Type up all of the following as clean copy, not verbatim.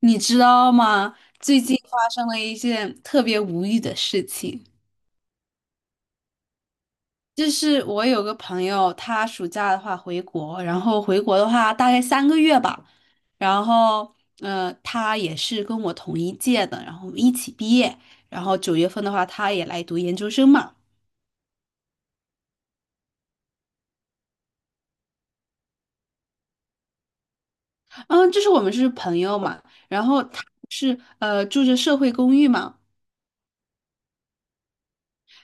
你知道吗？最近发生了一件特别无语的事情，就是我有个朋友，他暑假的话回国，然后回国的话大概3个月吧，然后他也是跟我同一届的，然后我们一起毕业，然后9月份的话，他也来读研究生嘛，嗯，就是我们是朋友嘛，然后他是住着社会公寓嘛。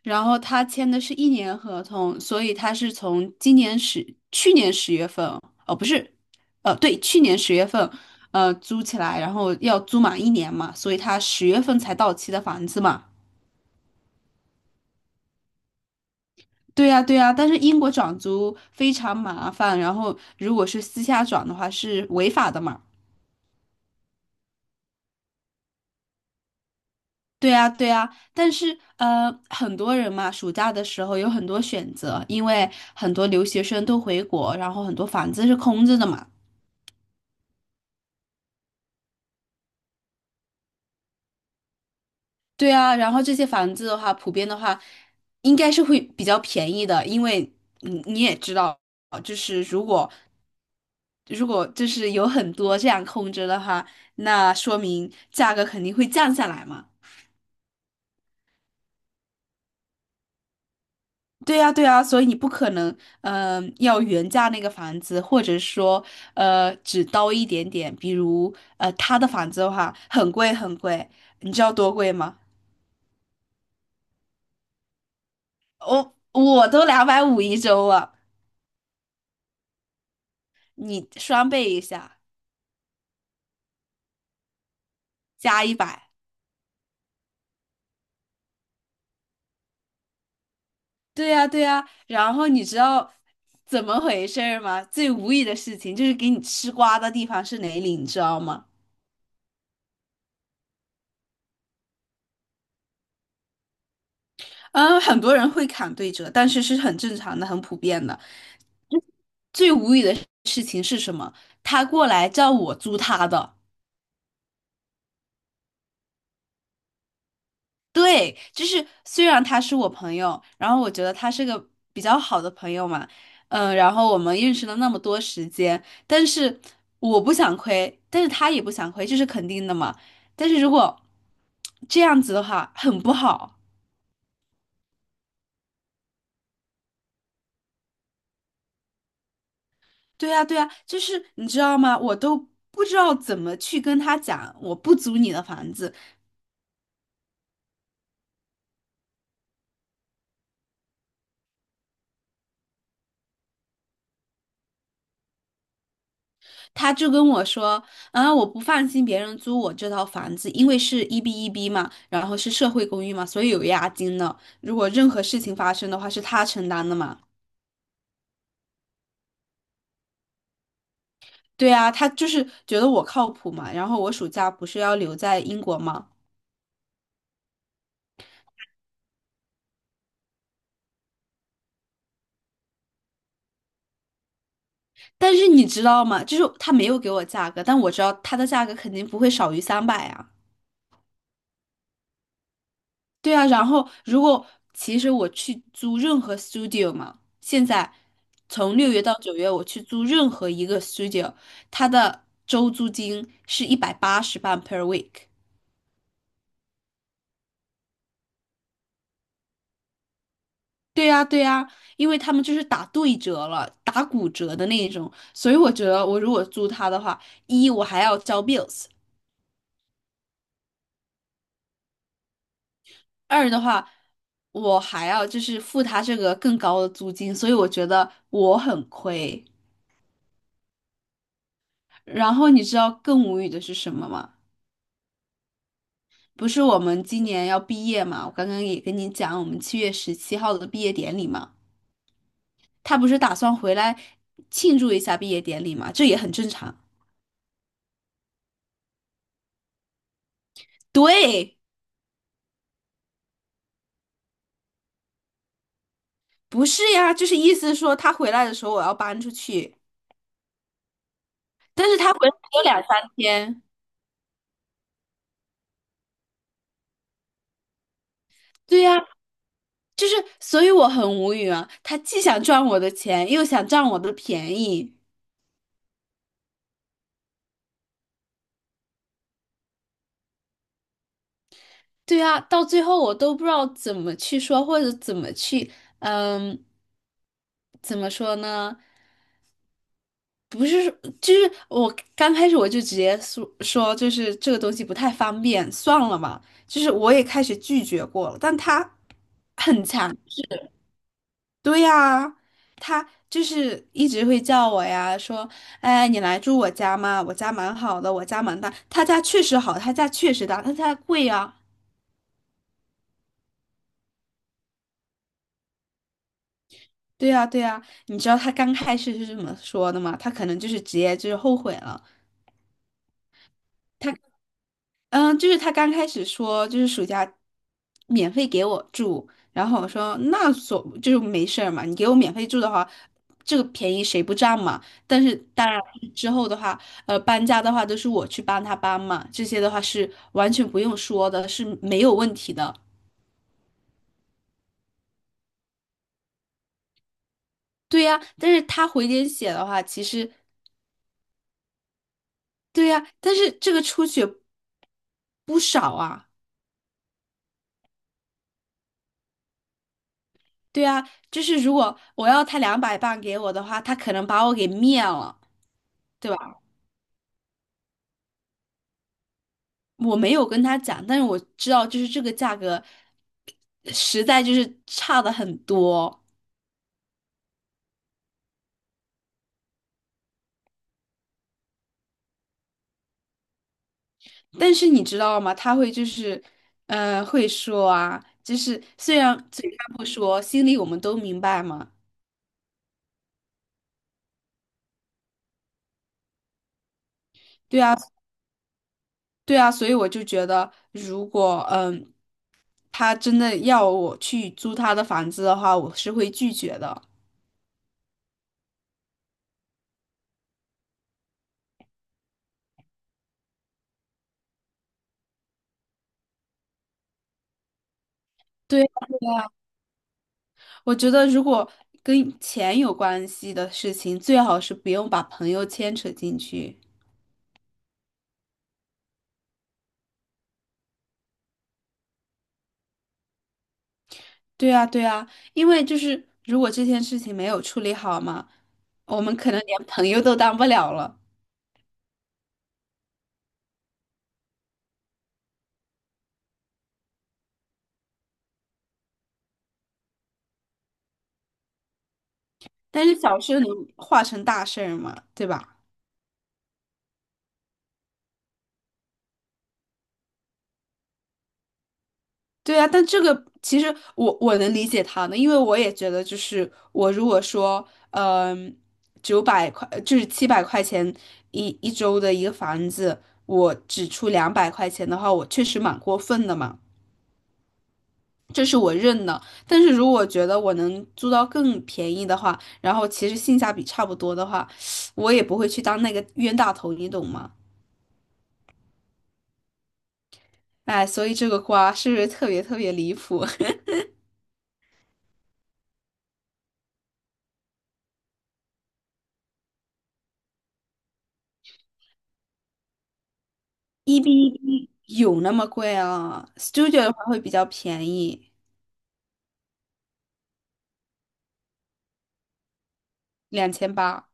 然后他签的是1年合同，所以他是从今年十，去年十月份，哦，不是，对，去年十月份，租起来，然后要租满一年嘛，所以他十月份才到期的房子嘛。对呀，对呀，但是英国转租非常麻烦，然后如果是私下转的话是违法的嘛。对呀，对呀，但是很多人嘛，暑假的时候有很多选择，因为很多留学生都回国，然后很多房子是空着的嘛。对啊，然后这些房子的话，普遍的话，应该是会比较便宜的，因为你也知道，就是如果就是有很多这样空着的话，那说明价格肯定会降下来嘛。对呀，对呀，所以你不可能，要原价那个房子，或者说，只刀一点点。比如，他的房子的话，很贵很贵，你知道多贵吗？我都250一周了，你双倍一下。加一百。对呀，对呀。然后你知道怎么回事儿吗？最无语的事情就是给你吃瓜的地方是哪里，你知道吗？嗯，很多人会砍对折，但是是很正常的、很普遍的。最无语的事情是什么？他过来叫我租他的。对，就是虽然他是我朋友，然后我觉得他是个比较好的朋友嘛，然后我们认识了那么多时间，但是我不想亏，但是他也不想亏，这是肯定的嘛。但是如果这样子的话，很不好。对呀，对呀，就是你知道吗？我都不知道怎么去跟他讲，我不租你的房子，他就跟我说，啊，我不放心别人租我这套房子，因为是1B1B 嘛，然后是社会公寓嘛，所以有押金的。如果任何事情发生的话，是他承担的嘛。对啊，他就是觉得我靠谱嘛。然后我暑假不是要留在英国嘛，但是你知道吗？就是他没有给我价格，但我知道他的价格肯定不会少于300啊。对啊，然后如果其实我去租任何 studio 嘛，现在从6月到九月，我去租任何一个 studio，它的周租金是180磅 per week。对呀，对呀，因为他们就是打对折了，打骨折的那一种，所以我觉得我如果租它的话，一我还要交 bills，二的话我还要就是付他这个更高的租金，所以我觉得我很亏。然后你知道更无语的是什么吗？不是我们今年要毕业嘛？我刚刚也跟你讲，我们7月17号的毕业典礼嘛，他不是打算回来庆祝一下毕业典礼嘛？这也很正常。对，不是呀，就是意思说他回来的时候我要搬出去，但是他回来只有两三天。对呀，就是，所以我很无语啊。他既想赚我的钱，又想占我的便宜。对啊，到最后我都不知道怎么去说，或者怎么去，嗯，怎么说呢？就是我刚开始我就直接说，就是这个东西不太方便，算了嘛。就是我也开始拒绝过了，但他很强，对呀、他就是一直会叫我呀，说，哎，你来住我家嘛，我家蛮好的，我家蛮大，他家确实好，他家确实大，他家贵啊。对呀，对呀，你知道他刚开始是这么说的吗？他可能就是直接就是后悔了。他就是他刚开始说，就是暑假免费给我住，然后我说那所就是没事儿嘛，你给我免费住的话，这个便宜谁不占嘛？但是当然之后的话，搬家的话都是我去帮他搬嘛，这些的话是完全不用说的，是没有问题的。对呀，但是他回点血的话，其实对呀，但是这个出血不少啊，对呀，就是如果我要他200磅给我的话，他可能把我给灭了。对吧？我没有跟他讲，但是我知道就是这个价格实在就是差的很多。但是你知道吗？他会就是，会说啊，就是虽然嘴上不说，心里我们都明白嘛。对啊，对啊，所以我就觉得，如果他真的要我去租他的房子的话，我是会拒绝的。对啊，对啊，我觉得如果跟钱有关系的事情，最好是不用把朋友牵扯进去。对啊，对啊，因为就是如果这件事情没有处理好嘛，我们可能连朋友都当不了了。但是小事能化成大事儿嘛，对吧？对啊，但这个其实我能理解他的，因为我也觉得就是我如果说，900块就是700块钱一周的一个房子，我只出200块钱的话，我确实蛮过分的嘛。这是我认的。但是如果觉得我能租到更便宜的话，然后其实性价比差不多的话，我也不会去当那个冤大头，你懂吗？哎，所以这个瓜是不是特别特别离谱？一比一比有那么贵啊？Studio 的话会比较便宜，两千八，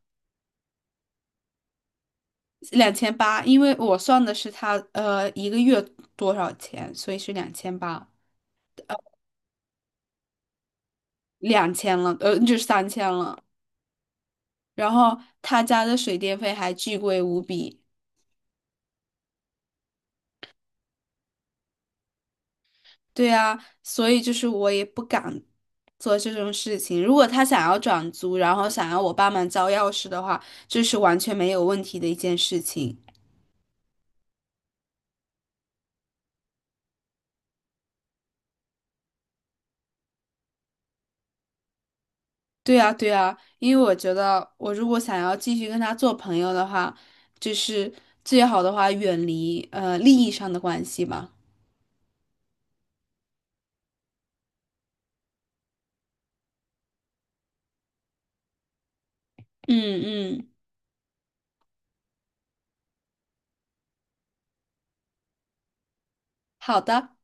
两千八，因为我算的是他一个月多少钱，所以是两千八，两千了，就是3000了。然后他家的水电费还巨贵无比。对啊，所以就是我也不敢做这种事情。如果他想要转租，然后想要我帮忙交钥匙的话，这是完全没有问题的一件事情。对啊，对啊，因为我觉得我如果想要继续跟他做朋友的话，就是最好的话远离利益上的关系嘛。嗯嗯，好的。